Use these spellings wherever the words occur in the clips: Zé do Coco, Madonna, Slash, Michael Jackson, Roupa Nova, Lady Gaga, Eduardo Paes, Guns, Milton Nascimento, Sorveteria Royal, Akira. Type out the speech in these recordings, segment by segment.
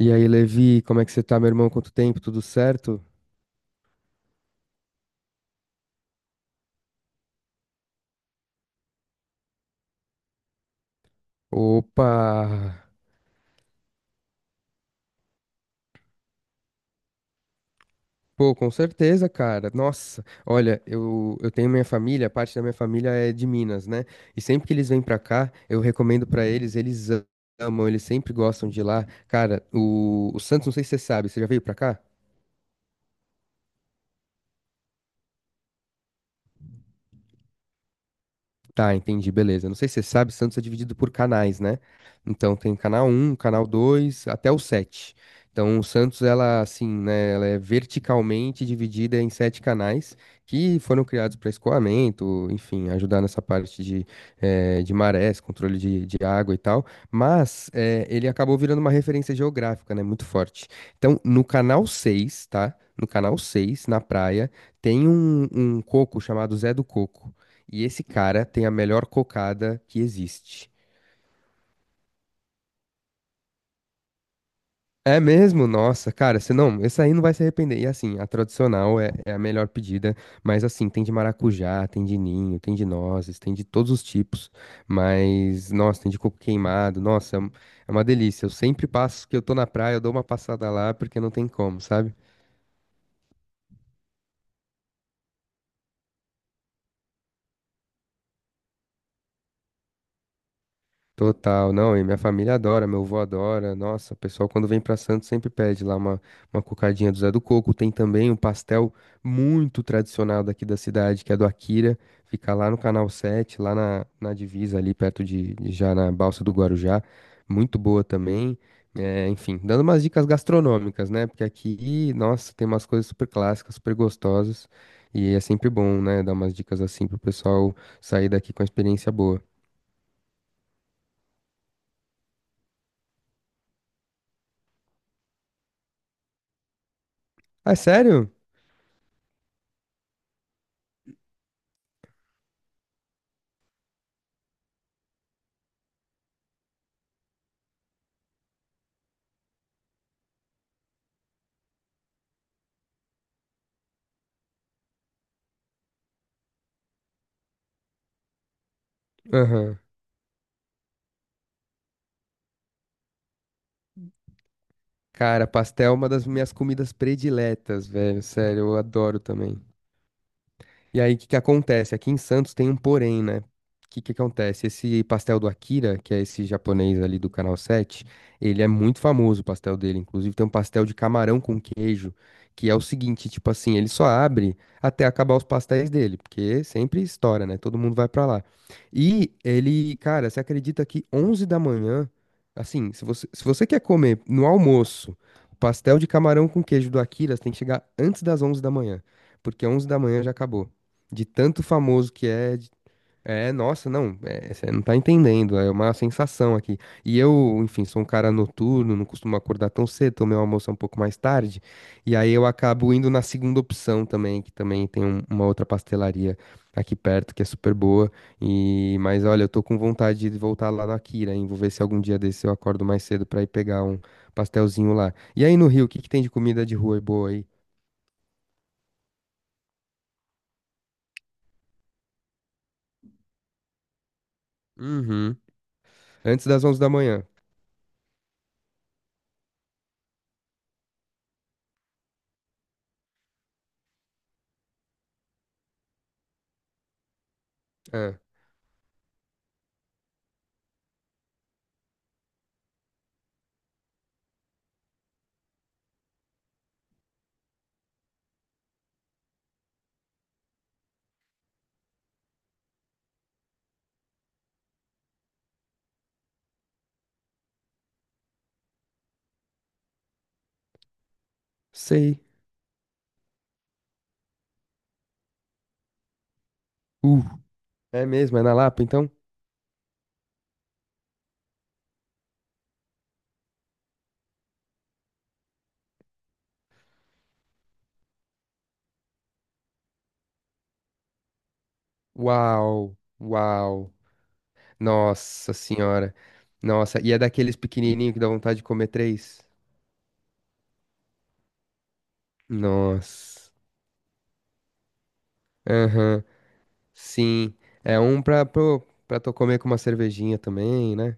E aí, Levi, como é que você tá, meu irmão? Quanto tempo? Tudo certo? Opa! Pô, com certeza, cara. Nossa, olha, eu tenho minha família, parte da minha família é de Minas, né? E sempre que eles vêm pra cá, eu recomendo pra eles, eles amam, eles sempre gostam de lá. Cara, o Santos, não sei se você sabe, você já veio pra cá? Tá, entendi, beleza. Não sei se você sabe, Santos é dividido por canais, né? Então tem canal um, canal dois, até o sete. Então o Santos, ela assim, né, ela é verticalmente dividida em sete canais que foram criados para escoamento, enfim, ajudar nessa parte de marés, controle de água e tal. Mas ele acabou virando uma referência geográfica, né, muito forte. Então no canal seis, tá? No canal 6 na praia, tem um coco chamado Zé do Coco. E esse cara tem a melhor cocada que existe. É mesmo? Nossa, cara, você não, esse aí não vai se arrepender. E assim, a tradicional é a melhor pedida, mas assim, tem de maracujá, tem de ninho, tem de nozes, tem de todos os tipos. Mas, nossa, tem de coco queimado, nossa, é uma delícia. Eu sempre passo que eu tô na praia, eu dou uma passada lá porque não tem como, sabe? Total, não, e minha família adora, meu avô adora. Nossa, o pessoal quando vem pra Santos sempre pede lá uma cocadinha do Zé do Coco. Tem também um pastel muito tradicional daqui da cidade, que é do Akira. Fica lá no Canal 7, lá na divisa ali, perto de já na Balsa do Guarujá. Muito boa também. É, enfim, dando umas dicas gastronômicas, né? Porque aqui, nossa, tem umas coisas super clássicas, super gostosas. E é sempre bom, né? Dar umas dicas assim pro pessoal sair daqui com a experiência boa. Ah, é sério? Aham. Cara, pastel é uma das minhas comidas prediletas, velho. Sério, eu adoro também. E aí, o que que acontece? Aqui em Santos tem um porém, né? O que que acontece? Esse pastel do Akira, que é esse japonês ali do Canal 7, ele é muito famoso, o pastel dele. Inclusive, tem um pastel de camarão com queijo, que é o seguinte, tipo assim, ele só abre até acabar os pastéis dele, porque sempre estoura, né? Todo mundo vai pra lá. E ele, cara, você acredita que 11 da manhã, assim, se você quer comer no almoço o pastel de camarão com queijo do Akira, você tem que chegar antes das 11 da manhã, porque 11 da manhã já acabou. De tanto famoso que é. É, nossa, não, é, você não tá entendendo, é uma sensação aqui. E eu, enfim, sou um cara noturno, não costumo acordar tão cedo, tomo meu almoço é um pouco mais tarde, e aí eu acabo indo na segunda opção também, que também tem uma outra pastelaria aqui perto, que é super boa, e, mas olha, eu tô com vontade de voltar lá na Kira, hein, vou ver se algum dia desse eu acordo mais cedo pra ir pegar um pastelzinho lá. E aí no Rio, o que que tem de comida de rua boa aí? Uhum, antes das 11 da manhã. Ah, sei. Uh, é mesmo? É na Lapa, então? Uau, uau. Nossa senhora. Nossa, e é daqueles pequenininhos que dá vontade de comer três? Nossa. Aham, sim. É um pra tu comer com uma cervejinha também, né?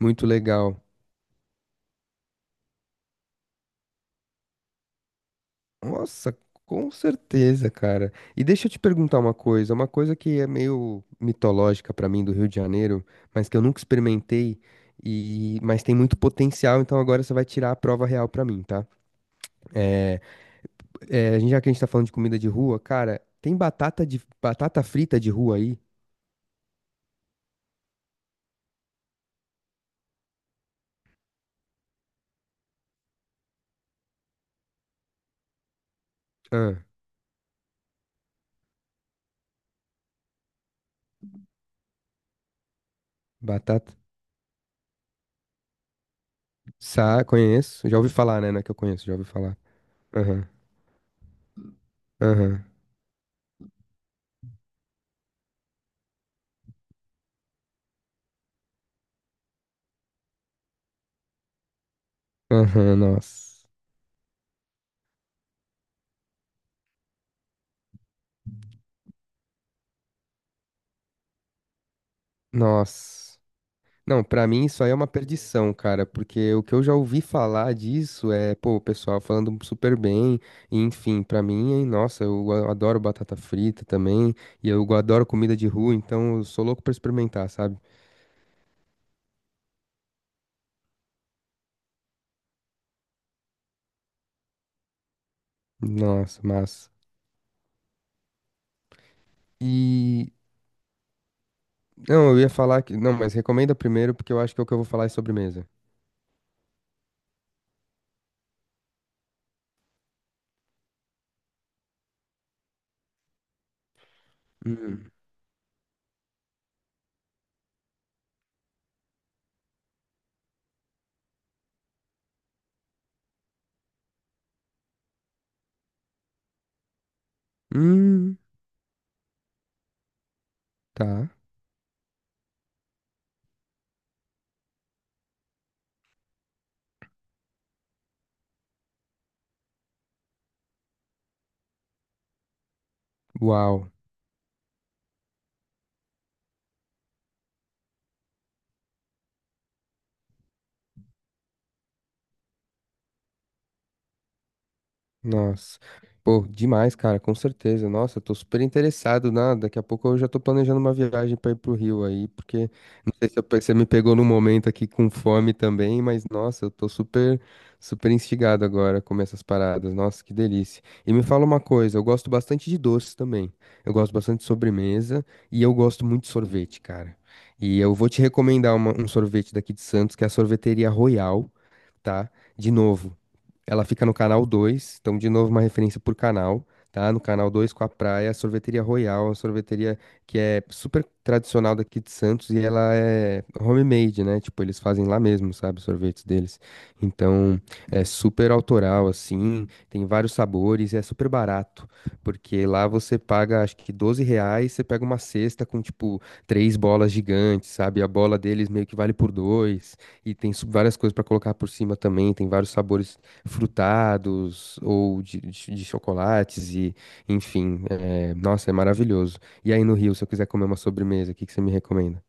Muito legal. Nossa, com certeza, cara. E deixa eu te perguntar uma coisa que é meio mitológica pra mim do Rio de Janeiro, mas que eu nunca experimentei, e mas tem muito potencial, então agora você vai tirar a prova real pra mim, tá? É, é, já que a gente tá falando de comida de rua, cara, tem batata frita de rua aí? Ah, batata. Conheço. Já ouvi falar, né? Não é que eu conheço, já ouvi falar. Aham, aham, aham, nossa. Nossa. Não, pra mim isso aí é uma perdição, cara, porque o que eu já ouvi falar disso é, pô, o pessoal falando super bem, e enfim, pra mim, hein, nossa, eu adoro batata frita também, e eu adoro comida de rua, então eu sou louco pra experimentar, sabe? Nossa, massa. E Não, eu ia falar que. Não, mas recomenda primeiro, porque eu acho que é o que eu vou falar é sobremesa. Hum. Hum, tá. Uau. Nossa. Pô, demais, cara, com certeza. Nossa, eu tô super interessado, né? Daqui a pouco eu já tô planejando uma viagem pra ir pro Rio aí, porque não sei se você me pegou num momento aqui com fome também, mas nossa, eu tô super, super instigado agora a comer essas paradas. Nossa, que delícia. E me fala uma coisa, eu gosto bastante de doces também. Eu gosto bastante de sobremesa e eu gosto muito de sorvete, cara. E eu vou te recomendar um sorvete daqui de Santos, que é a Sorveteria Royal, tá? De novo. Ela fica no canal 2, então de novo uma referência por canal, tá? No canal 2 com a praia, a Sorveteria Royal, uma sorveteria que é super tradicional daqui de Santos e ela é homemade, né? Tipo, eles fazem lá mesmo, sabe, os sorvetes deles. Então, é super autoral assim, tem vários sabores e é super barato, porque lá você paga acho que R$ 12, você pega uma cesta com tipo três bolas gigantes, sabe? A bola deles meio que vale por dois. E tem várias coisas pra colocar por cima também. Tem vários sabores frutados ou de chocolates e, enfim, é, nossa, é maravilhoso. E aí no Rio, se eu quiser comer uma sobremesa, o que que você me recomenda?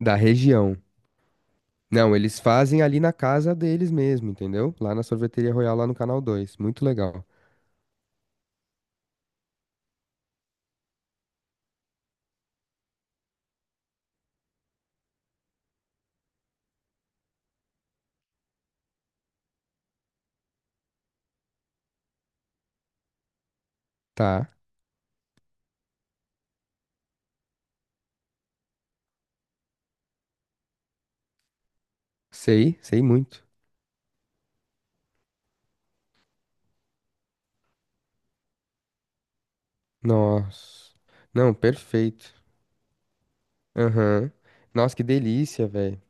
Da região. Não, eles fazem ali na casa deles mesmo, entendeu? Lá na Sorveteria Royal, lá no Canal Dois. Muito legal. Tá, sei, sei muito. Nossa. Não, perfeito. Aham. Nossa, que delícia, velho.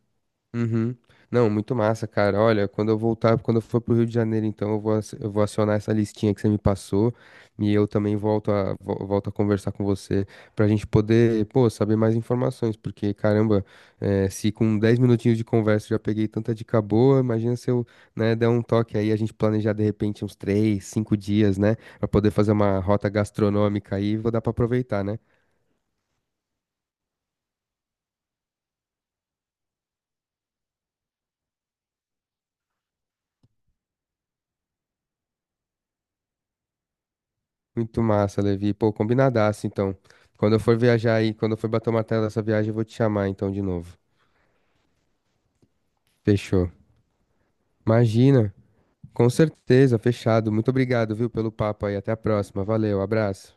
Uhum. Não, muito massa, cara. Olha, quando eu voltar, quando eu for pro Rio de Janeiro, então eu vou acionar essa listinha que você me passou e eu também volto a conversar com você pra gente poder, pô, saber mais informações, porque caramba, se com 10 minutinhos de conversa eu já peguei tanta dica boa, imagina se eu, né, der um toque aí, a gente planejar de repente uns 3 5 dias, né, pra poder fazer uma rota gastronômica aí, vou dar pra aproveitar, né? Muito massa, Levi. Pô, combinadaço, então. Quando eu for viajar aí, quando eu for bater uma tela dessa viagem, eu vou te chamar então de novo. Fechou. Imagina. Com certeza, fechado. Muito obrigado, viu, pelo papo aí. Até a próxima. Valeu, abraço.